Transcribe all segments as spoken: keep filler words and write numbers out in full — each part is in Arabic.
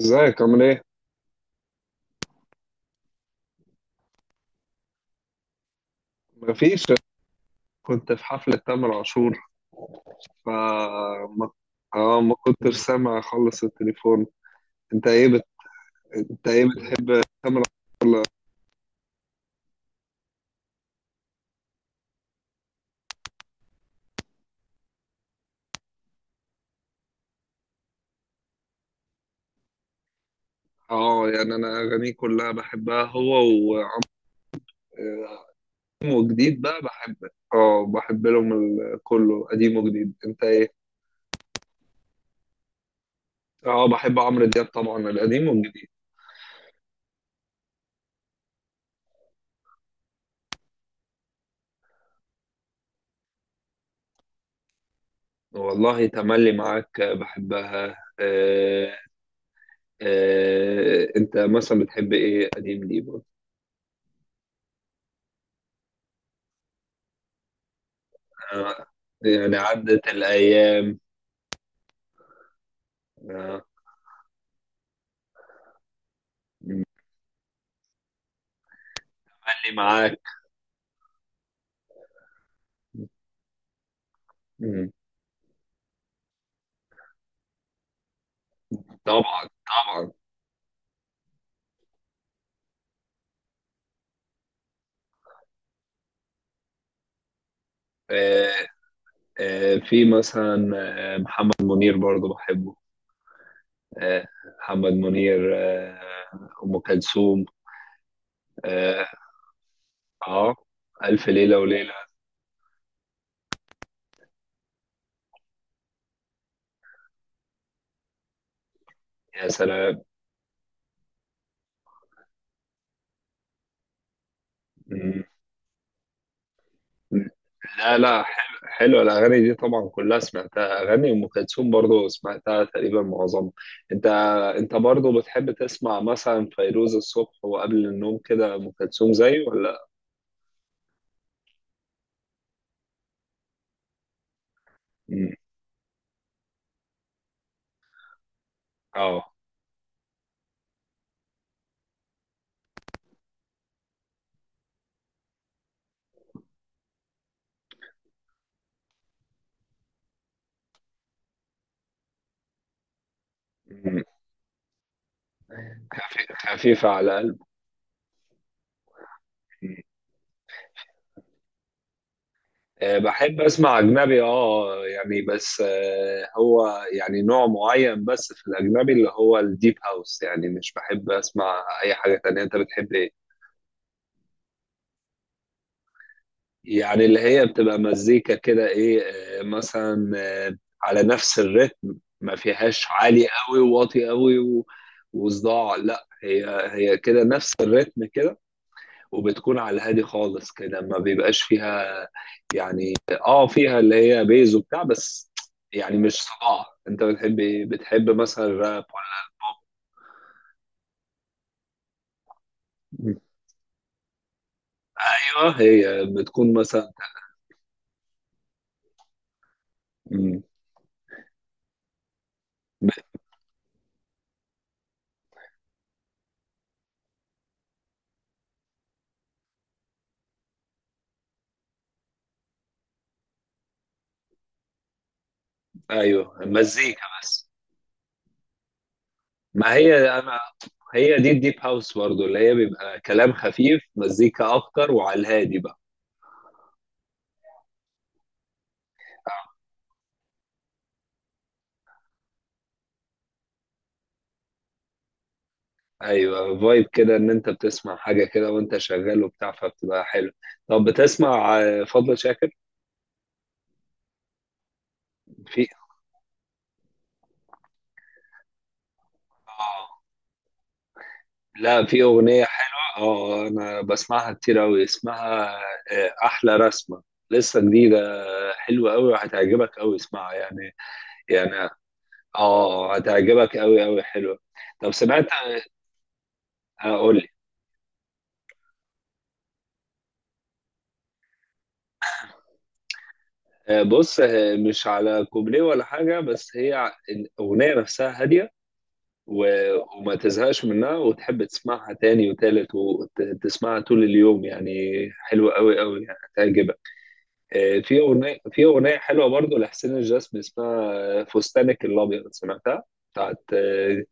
ازيك عامل ايه؟ مفيش، كنت في حفلة تامر عاشور. فما اه ما كنتش سامع خالص التليفون. انت ايه بت... انت ايه بتحب تامر عاشور؟ اه يعني انا اغانيه كلها بحبها، هو و- وقديم وجديد بقى بحب. اه بحب لهم ال- كله قديم وجديد، انت ايه؟ اه بحب عمرو دياب طبعا، القديم والجديد. والله تملي معاك بحبها. آه، آه انت مثلا بتحب ايه قديم ليه؟ آه. يعني عدت الأيام. آه. خلي معاك. مم. طبعا طبعا. آه. آه، في مثلا آه، محمد منير برضو بحبه. آه. محمد منير، آه. أم كلثوم. اه. آه. ألف ليلة وليلة. يا سلام. مم. لا لا، حلو حلو الاغاني دي طبعا، كلها سمعتها. اغاني ام كلثوم برضه سمعتها تقريبا معظمها. انت، انت برضه بتحب تسمع مثلا فيروز الصبح وقبل النوم كده، ام كلثوم زي ولا؟ مم. اه. مم. خفي- خفيفه على قلب. آه، بحب اسمع اجنبي، اه يعني، بس آه، هو يعني نوع معين بس في الاجنبي، اللي هو الديب هاوس، يعني مش بحب اسمع اي حاجه تانية. انت بتحب إيه؟ يعني اللي هي بتبقى مزيكا كده، ايه، آه، مثلا آه، على نفس الريتم، ما فيهاش عالي قوي وواطي قوي و- وصداع. لا هي، هي كده نفس الريتم كده، وبتكون على الهادي خالص كده، ما بيبقاش فيها يعني، اه فيها اللي هي بيز وبتاع بس، يعني مش صداع. انت بتحب ايه؟ بتحب مثلا الراب ولا البوب؟ ايوه هي بتكون مثلا. مم. ايوه مزيكا بس. ما هي انا هي دي الديب هاوس برضه، اللي هي بيبقى كلام خفيف، مزيكا اكتر، وعلى الهادي بقى. ايوه فايب كده، ان انت بتسمع حاجه كده وانت شغال وبتاع، فبتبقى حلو. طب بتسمع آه، فضل شاكر؟ في آه، لا في اغنيه حلوه اه، انا بسمعها كتير اوي. اسمها آه، احلى رسمه، لسه جديده. آه، حلوه اوي وهتعجبك اوي، اسمعها يعني. يعني اه هتعجبك اوي اوي، حلوه. طب سمعت، اقول آه، بص آه، مش على كوبليه ولا حاجة، بس هي ع- الأغنية نفسها هادية و- وما تزهقش منها، وتحب تسمعها تاني وتالت وتسمعها طول اليوم يعني. حلوة أوي أوي، يعني هتعجبك. آه، في أغنية في أغنية حلوة برضو لحسين الجسمي، اسمها آه، فستانك الأبيض، سمعتها؟ بتاعت آه،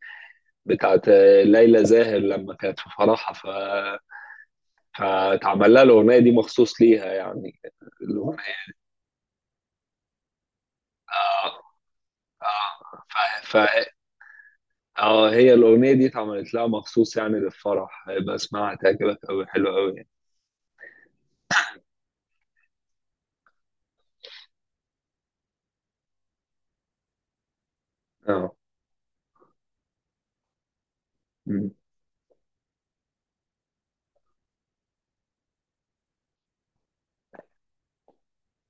بتاعت آه، ليلى زاهر، لما كانت في فرحها، ف، فاتعمل لها الأغنية دي مخصوص ليها يعني. الأغنية آه، ف... اه هي الأغنية دي اتعملت لها مخصوص يعني، للفرح، هيبقى اسمعها، هتعجبك أوي، حلوة أوي يعني. اه. مم.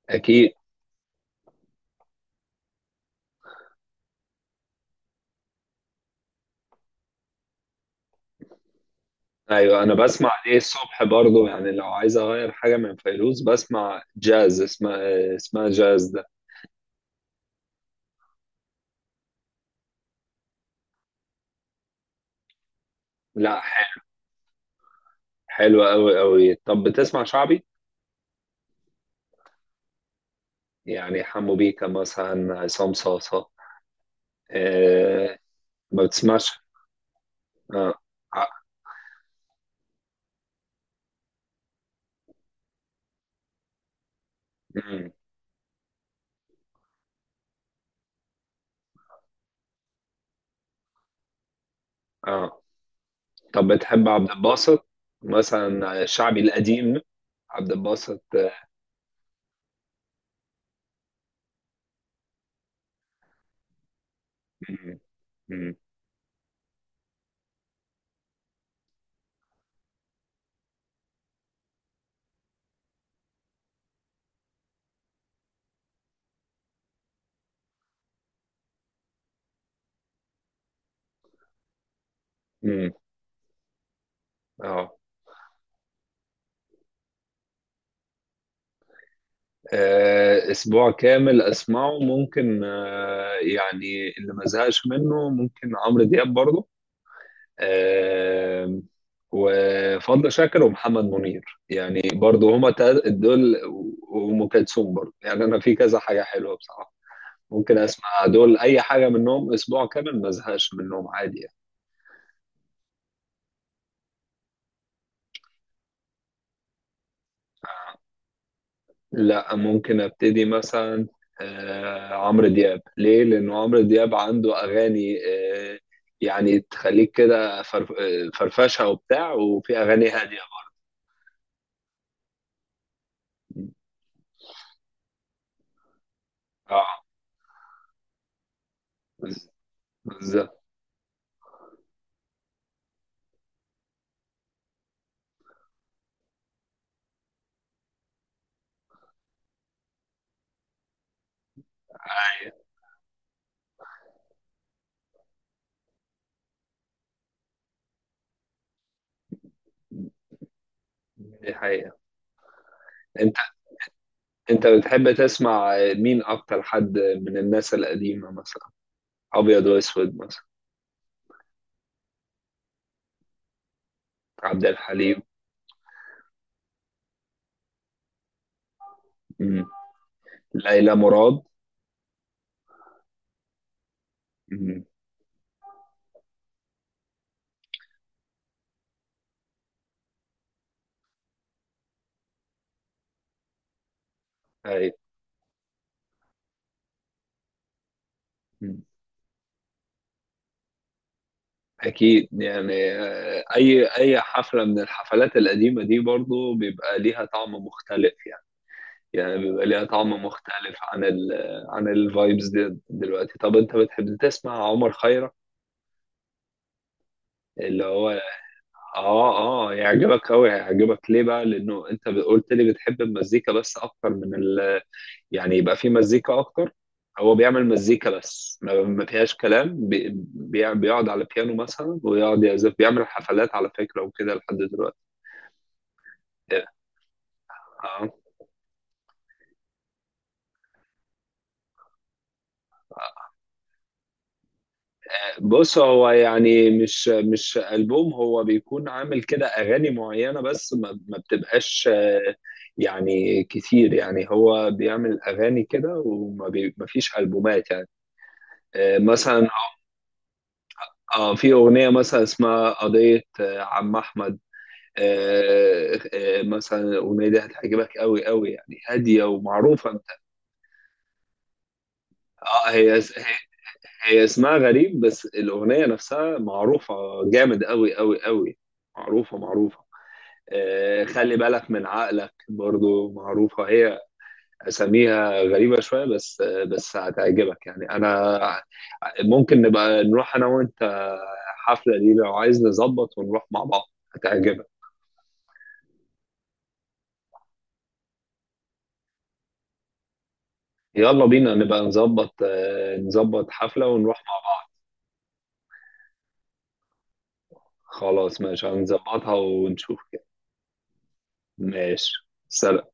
أكيد. أيوة، أنا بسمع دي الصبح برضو. يعني لو عايز أغير حاجة من فيروز، بسمع جاز، اسمها، اسمها جاز ده. لا، ح- حلوة أوي أوي. طب بتسمع شعبي؟ يعني حمو بيكا مثلا، عصام صاصة آه، ما بتسمعش؟ اه. ع-. مم. اه. طب بتحب عبد الباسط مثلا، شعبي القديم، عبد الباسط. مم. مم. مم. اه، آه، اسبوع كامل اسمعه ممكن آه، يعني اللي ما زهقش منه، ممكن عمرو دياب برضه آه، وفضل شاكر ومحمد منير، يعني برضه هما تا- دول و- وام كلثوم برضه. يعني انا في كذا حاجه حلوه بصراحه، ممكن اسمع دول اي حاجه منهم اسبوع كامل، ما زهقش منهم عادي يعني. لا ممكن ابتدي مثلا آه، عمرو دياب، ليه؟ لانه عمرو دياب عنده اغاني آه، يعني تخليك كده فرف- آه، فرفشه وبتاع، وفي اغاني هاديه برضه. اه. بز- بالظبط. أيوة، دي حقيقه. انت، انت بتحب تسمع مين اكتر، حد من الناس القديمه مثلا، ابيض واسود مثلا؟ عبد الحليم. مم. ليلى مراد. مم. ايوه، أكيد يعني آه، أي أي حفلة من الحفلات القديمة دي برضو بيبقى ليها طعم مختلف يعني. يعني بيبقى ليها طعم مختلف عن ال، عن الفايبز دي دلوقتي. طب أنت بتحب تسمع عمر خيرت؟ اللي هو، آه آه يعجبك أوي، هيعجبك ليه بقى؟ لأنه أنت قلت لي بتحب المزيكا بس أكتر من ال، يعني يبقى في مزيكا أكتر. هو بيعمل مزيكا بس، ما ما فيهاش كلام، بي- بي- بيقعد على بيانو مثلا ويقعد يعزف، بيعمل حفلات على فكرة وكده لحد دلوقتي. آه. بص هو يعني مش مش ألبوم، هو بيكون عامل كده أغاني معينة بس، ما, ما بتبقاش آه، يعني كتير يعني، هو بيعمل أغاني كده، وما بي ما فيش ألبومات يعني. آه، مثلا، اه في أغنية مثلا اسمها قضية آه، عم أحمد. آه، آه، مثلا الأغنية دي هتعجبك قوي قوي يعني، هادية ومعروفة أنت. اه، هي هي اسمها غريب بس الأغنية نفسها معروفة، جامد أوي أوي أوي، معروفة معروفة. آه، خلي بالك من عقلك برضو معروفة هي، أساميها غريبة شوية بس آه، بس هتعجبك يعني. أنا ممكن نبقى نروح أنا وأنت حفلة دي لو عايز، نظبط ونروح مع بعض، هتعجبك. يلا بينا نبقى نظبط آه، نظبط حفلة ونروح مع بعض. خلاص ماشي، هنظبطها ونشوف كده. ماشي. سلام.